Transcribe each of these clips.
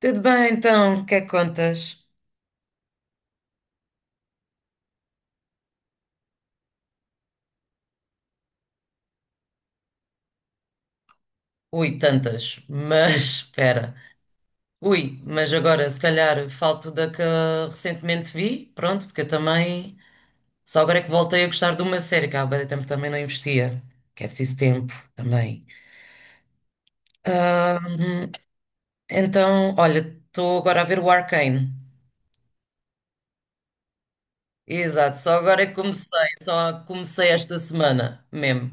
Tudo bem, então, o que é que contas? Ui, tantas, mas espera. Ui, mas agora se calhar falto da que recentemente vi, pronto, porque eu também só agora é que voltei a gostar de uma série que há bué de tempo também não investia, que é preciso tempo também. Ahm, então, olha, estou agora a ver o Arcane. Exato, só agora é que comecei, só comecei esta semana mesmo.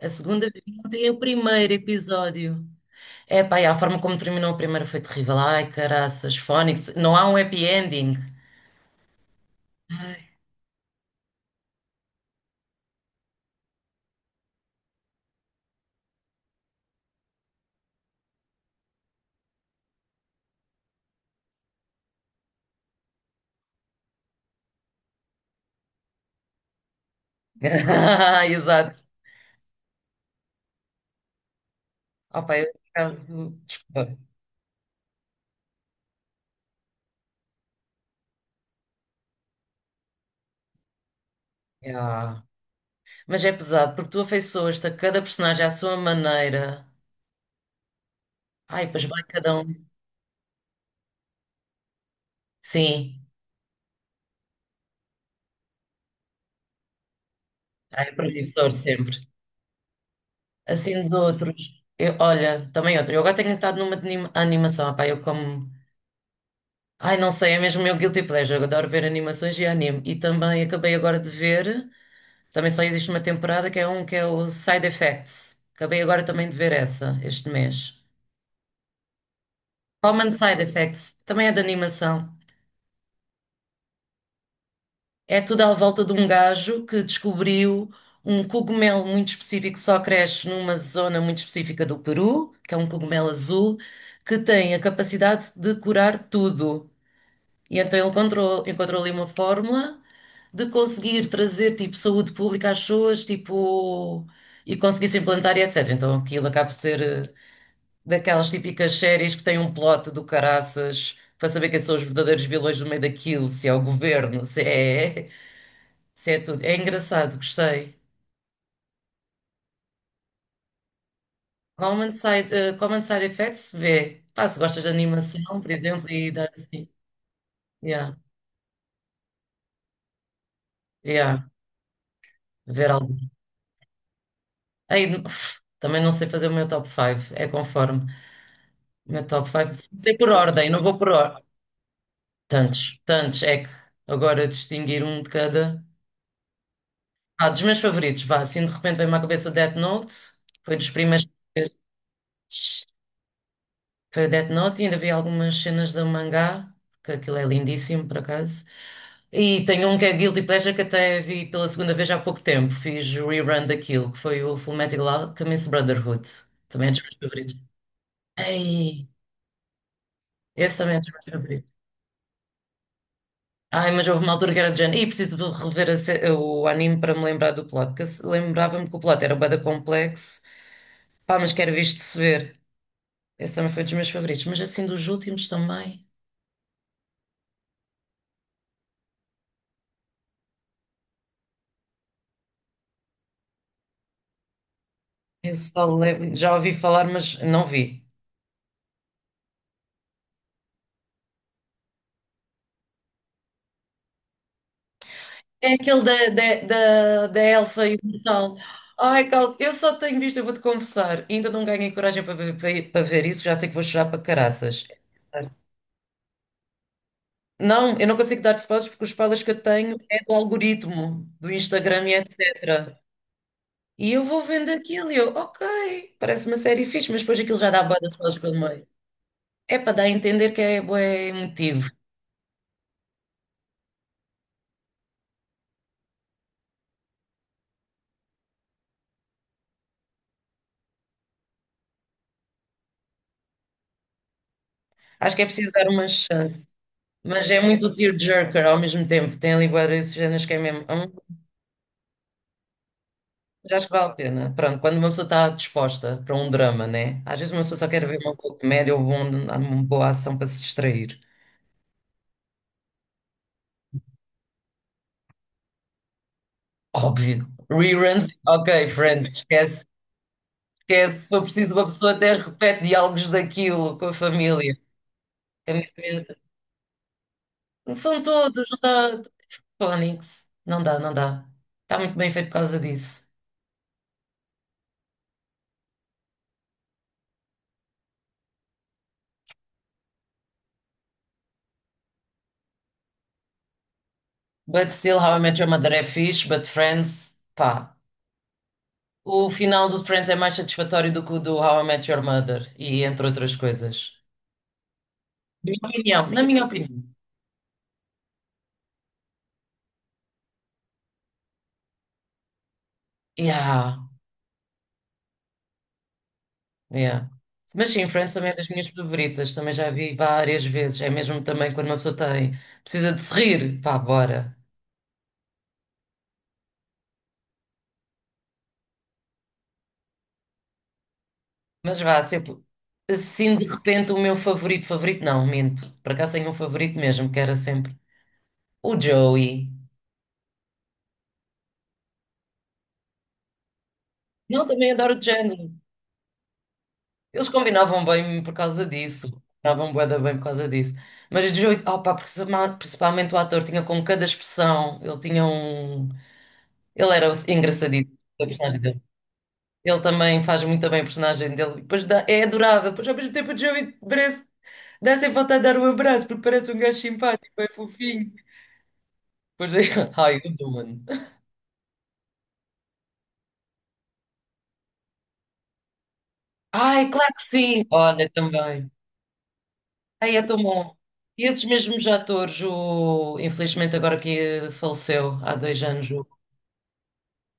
A segunda vi ontem o primeiro episódio. É pá, e a forma como terminou a primeira foi terrível. Ai, caraças, Fónix, não há um happy ending. Ai. Exato. Ah, pá, eu, por acaso, desculpa. Ya. Mas é pesado, porque tu afeiçoas-te a cada personagem à sua maneira. Ai, pois vai cada um. Sim. Ai, é promissor sempre. Assim dos outros. Eu, olha, também outro. Eu agora tenho estado numa de animação. Ah, pá, eu como. Ai, não sei, é mesmo o meu guilty pleasure. Eu adoro ver animações e anime. E também acabei agora de ver. Também só existe uma temporada que é o Side Effects. Acabei agora também de ver essa este mês. Common Side Effects também é de animação. É tudo à volta de um gajo que descobriu um cogumelo muito específico que só cresce numa zona muito específica do Peru, que é um cogumelo azul, que tem a capacidade de curar tudo. E então ele encontrou ali uma fórmula de conseguir trazer tipo saúde pública às pessoas, tipo e conseguir se implantar e etc. Então aquilo acaba por ser daquelas típicas séries que têm um plot do caraças para saber quem são os verdadeiros vilões no meio daquilo, se é o governo, se é, se é tudo. É engraçado, gostei. Common Side Effects, vê. Pá, se gostas de animação, por exemplo, e dar assim. Yeah, yeah, ver algo. Aí, também não sei fazer o meu top 5, é conforme. O meu top 5, sei por ordem, não vou por ordem. Tantos, tantos, é que agora distinguir um de cada. Ah, dos meus favoritos, vá, assim de repente veio-me à cabeça o Death Note, foi dos primeiros que eu- foi o Death Note e ainda vi algumas cenas do mangá, que aquilo é lindíssimo por acaso. E tem um que é Guilty Pleasure que até vi pela segunda vez há pouco tempo, fiz o rerun daquilo, que foi o Fullmetal Alchemist Brotherhood, também é dos meus favoritos. Ei, esse também é dos meus favoritos. Ai, mas houve uma altura que era de género, e preciso de rever a se- o anime para me lembrar do plot, porque lembrava-me que o plot era bué da complexo, pá, mas que era visto de se ver. Esse também foi dos meus favoritos, mas assim dos últimos também. Eu só levo, já ouvi falar, mas não vi. É aquele da Elfa e o Mortal. Ai, Cal, eu só tenho visto, eu vou-te confessar. Ainda não ganhei coragem para ver, para ver isso, já sei que vou chorar para caraças. Não, eu não consigo dar spoilers porque os spoilers que eu tenho é do algoritmo, do Instagram e etc. E eu vou vendo aquilo e eu, ok, parece uma série fixe, mas depois aquilo já dá bué de spoilers pelo meio. É para dar a entender que é bué emotivo. Acho que é preciso dar uma chance. Mas é muito tearjerker ao mesmo tempo. Tem ali bué de cenas que é mesmo. Já acho que vale a pena. Pronto, quando uma pessoa está disposta para um drama, né? Às vezes uma pessoa só quer ver uma boa comédia ou uma boa ação para se distrair. Óbvio. Reruns, ok, Friends, esquece. Esquece. Se for preciso, uma pessoa até repete diálogos daquilo com a família. É mesmo- São todos, não dá. Phonics. Não dá, não dá. Está muito bem feito por causa disso. But still, How I Met Your Mother é fixe, but Friends, pá. O final do Friends é mais satisfatório do que o do How I Met Your Mother, e entre outras coisas. Na minha opinião, na minha opinião. Yeah, yeah. Mas sim, Friends também é das minhas favoritas, também já vi várias vezes. É mesmo também quando uma pessoa tem, precisa de se rir, pá, bora. Mas vá, sempre. Assim de repente o meu favorito, favorito não, minto. Por acaso tenho um favorito mesmo, que era sempre o Joey. Não, também adoro o Chandler. Eles combinavam bem por causa disso. Combinavam bué da bem por causa disso. Mas, opa, principalmente o ator tinha com cada expressão, ele tinha um... Ele era engraçadíssimo, a personagem dele. Ele também faz muito bem a personagem dele. Depois é adorável. Depois, ao mesmo tempo, o Joey parece... Dá sem vontade de dar um abraço, porque parece um gajo simpático, é fofinho. Depois, é, how you doing? Ai, claro que sim! Olha, também. Ai, é tão bom. E esses mesmos atores, o... infelizmente agora que faleceu há 2 anos, o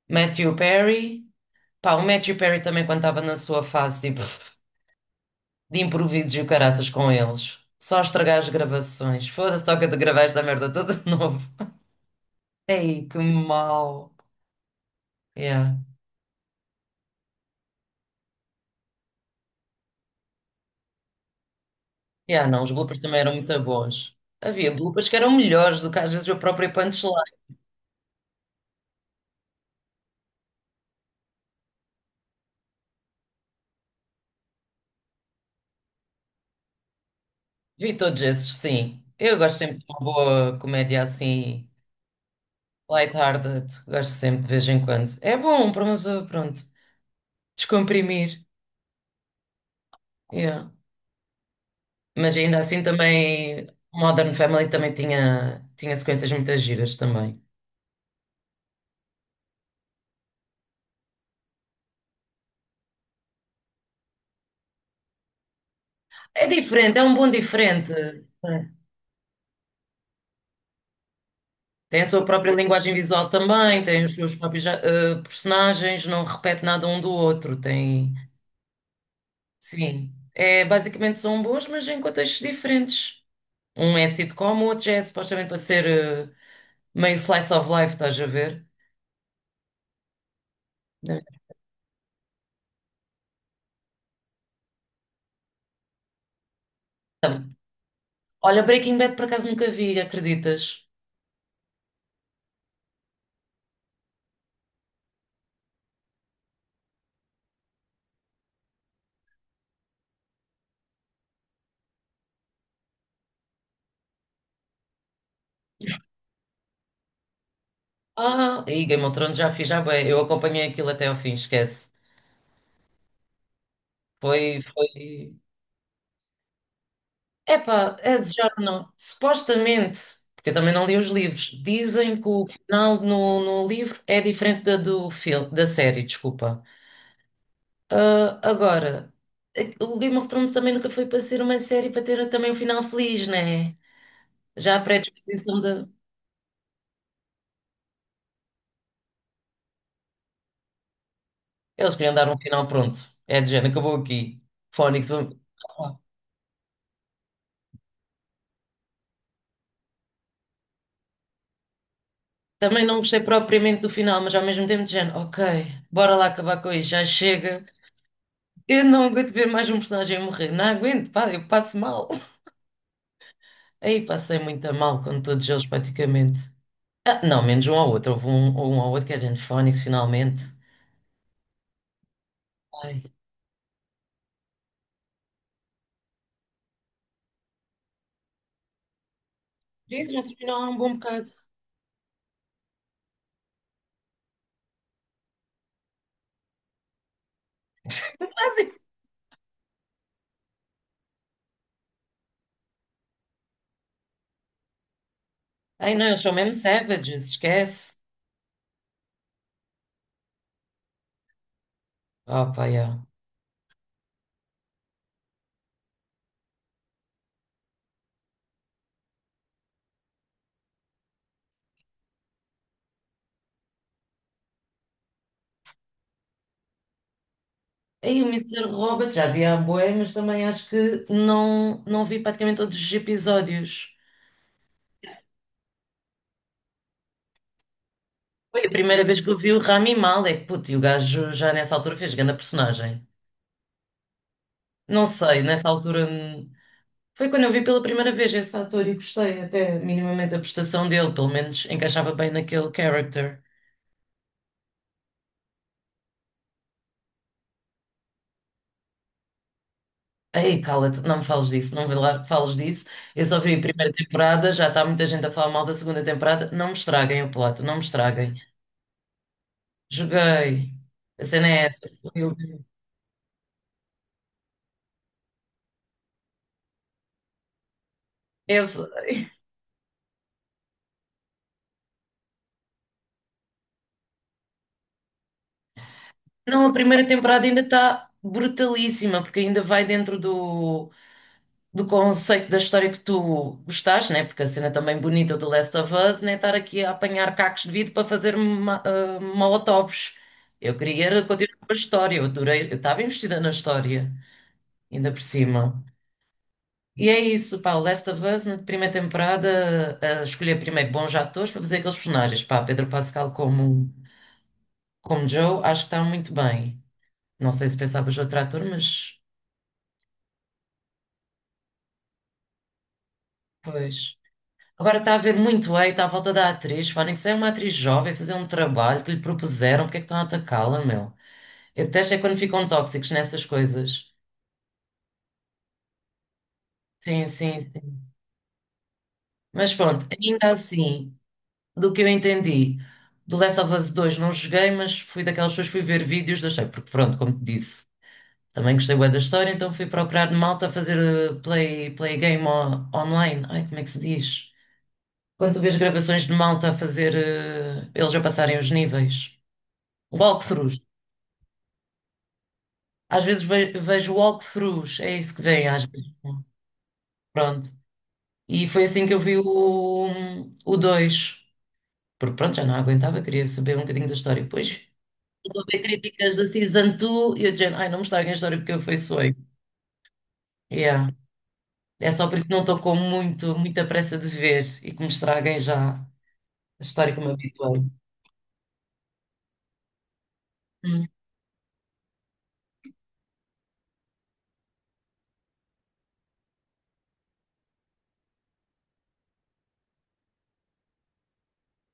Matthew Perry. Pá, o Matthew Perry também quando estava na sua fase, tipo, de improvisos e o caraças com eles. Só estragar as gravações. Foda-se, toca de gravar esta merda toda de novo. Ei, que mau. Yeah. Yeah, não, os bloopers também eram muito bons. Havia bloopers que eram melhores do que às vezes o próprio punchline. Vi todos esses, sim. Eu gosto sempre de uma boa comédia assim lighthearted, gosto sempre de vez em quando. É bom para uma pessoa, pronto, descomprimir. Yeah. Mas ainda assim também, Modern Family também tinha sequências muito giras também. É diferente, é um bom diferente. É. Tem a sua própria linguagem visual também, tem os seus próprios personagens, não repete nada um do outro. Tem, sim, é, basicamente são boas, mas em contextos diferentes. Um é sitcom, o outro já é supostamente para ser meio slice of life, estás a ver? Olha, Breaking Bad por acaso nunca vi, acreditas? Ah, e Game of Thrones já fiz, já bem. Eu acompanhei aquilo até ao fim, esquece. Foi, foi. Epá, é desejar ou não. Supostamente, porque eu também não li os livros, dizem que o final no livro é diferente da do filme, da série, desculpa. Ah, agora, o Game of Thrones também nunca foi para ser uma série para ter também um final feliz, né? Já a pré-disposição de. Eles queriam dar um final pronto. É de género, acabou aqui. Fónix, vamos. Ah, também não gostei propriamente do final, mas ao mesmo tempo de género, ok, bora lá acabar com isto, já chega. Eu não aguento ver mais um personagem morrer, não aguento, pá, eu passo mal. Aí passei muito a mal com todos eles praticamente. Ah, não, menos um ao outro, houve um ao outro que é gente Phoenix finalmente. Ai, gente, já terminou há um bom bocado. Ai não, eles são mesmo savages, esquece. Ah, pá, yeah. Aí o Mister Robot já vi há bué, mas também acho que não, não vi praticamente todos os episódios. Foi a primeira vez que eu vi o Rami Malek, puto, e o gajo já nessa altura fez grande personagem. Não sei, nessa altura foi quando eu vi pela primeira vez esse ator e gostei até minimamente da prestação dele, pelo menos encaixava bem naquele character. Ei, cala-te, não me fales disso, não me la- fales disso. Eu só vi a primeira temporada, já está muita gente a falar mal da segunda temporada. Não me estraguem o plot, não me estraguem. Joguei. A cena é essa. Eu, eu, sou- não, a primeira temporada ainda está brutalíssima, porque ainda vai dentro do conceito da história que tu gostaste, né? Porque a cena também bonita do Last of Us, né? Estar aqui a apanhar cacos de vidro para fazer molotovs. Eu queria era continuar com a história, eu adorei, eu estava investida na história, ainda por cima. E é isso, pá, o Last of Us, na primeira temporada, a escolher primeiro bons atores para fazer aqueles personagens, pá, Pedro Pascal como, Joe, acho que está muito bem. Não sei se pensavas outro ator, mas pois. Agora está a haver muito hate à volta da atriz. Pá, nem que seja uma atriz jovem fazer um trabalho que lhe propuseram, porque é que estão a atacá-la, meu? Eu detesto é quando ficam tóxicos nessas coisas. Sim, sim, sim. Mas pronto, ainda assim, do que eu entendi, do Last of Us 2 não joguei, mas fui daquelas pessoas que fui ver vídeos, deixei, porque pronto, como te disse, também gostei bué da história, então fui procurar malta a fazer play game online. Ai, como é que se diz? Quando tu vês gravações de malta a fazer, eles a passarem os níveis. Walkthroughs. Às vezes vejo walkthroughs, é isso que vem às vezes, né? Pronto. E foi assim que eu vi o dois. Porque pronto, já não aguentava, queria saber um bocadinho da história. Depois estou a ver críticas da Season 2 e eu dizendo, ai, não me estraguem a história porque eu feiçoei. Yeah. É só por isso que não estou com muita pressa de ver e que me estraguem já a história que me habituei. Hum.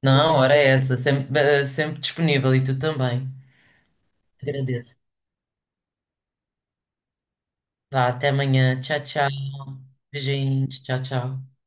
Não, ora é essa, sempre, sempre disponível e tu também. Agradeço. Vá, até amanhã. Tchau, tchau. Beijinhos. Tchau, tchau.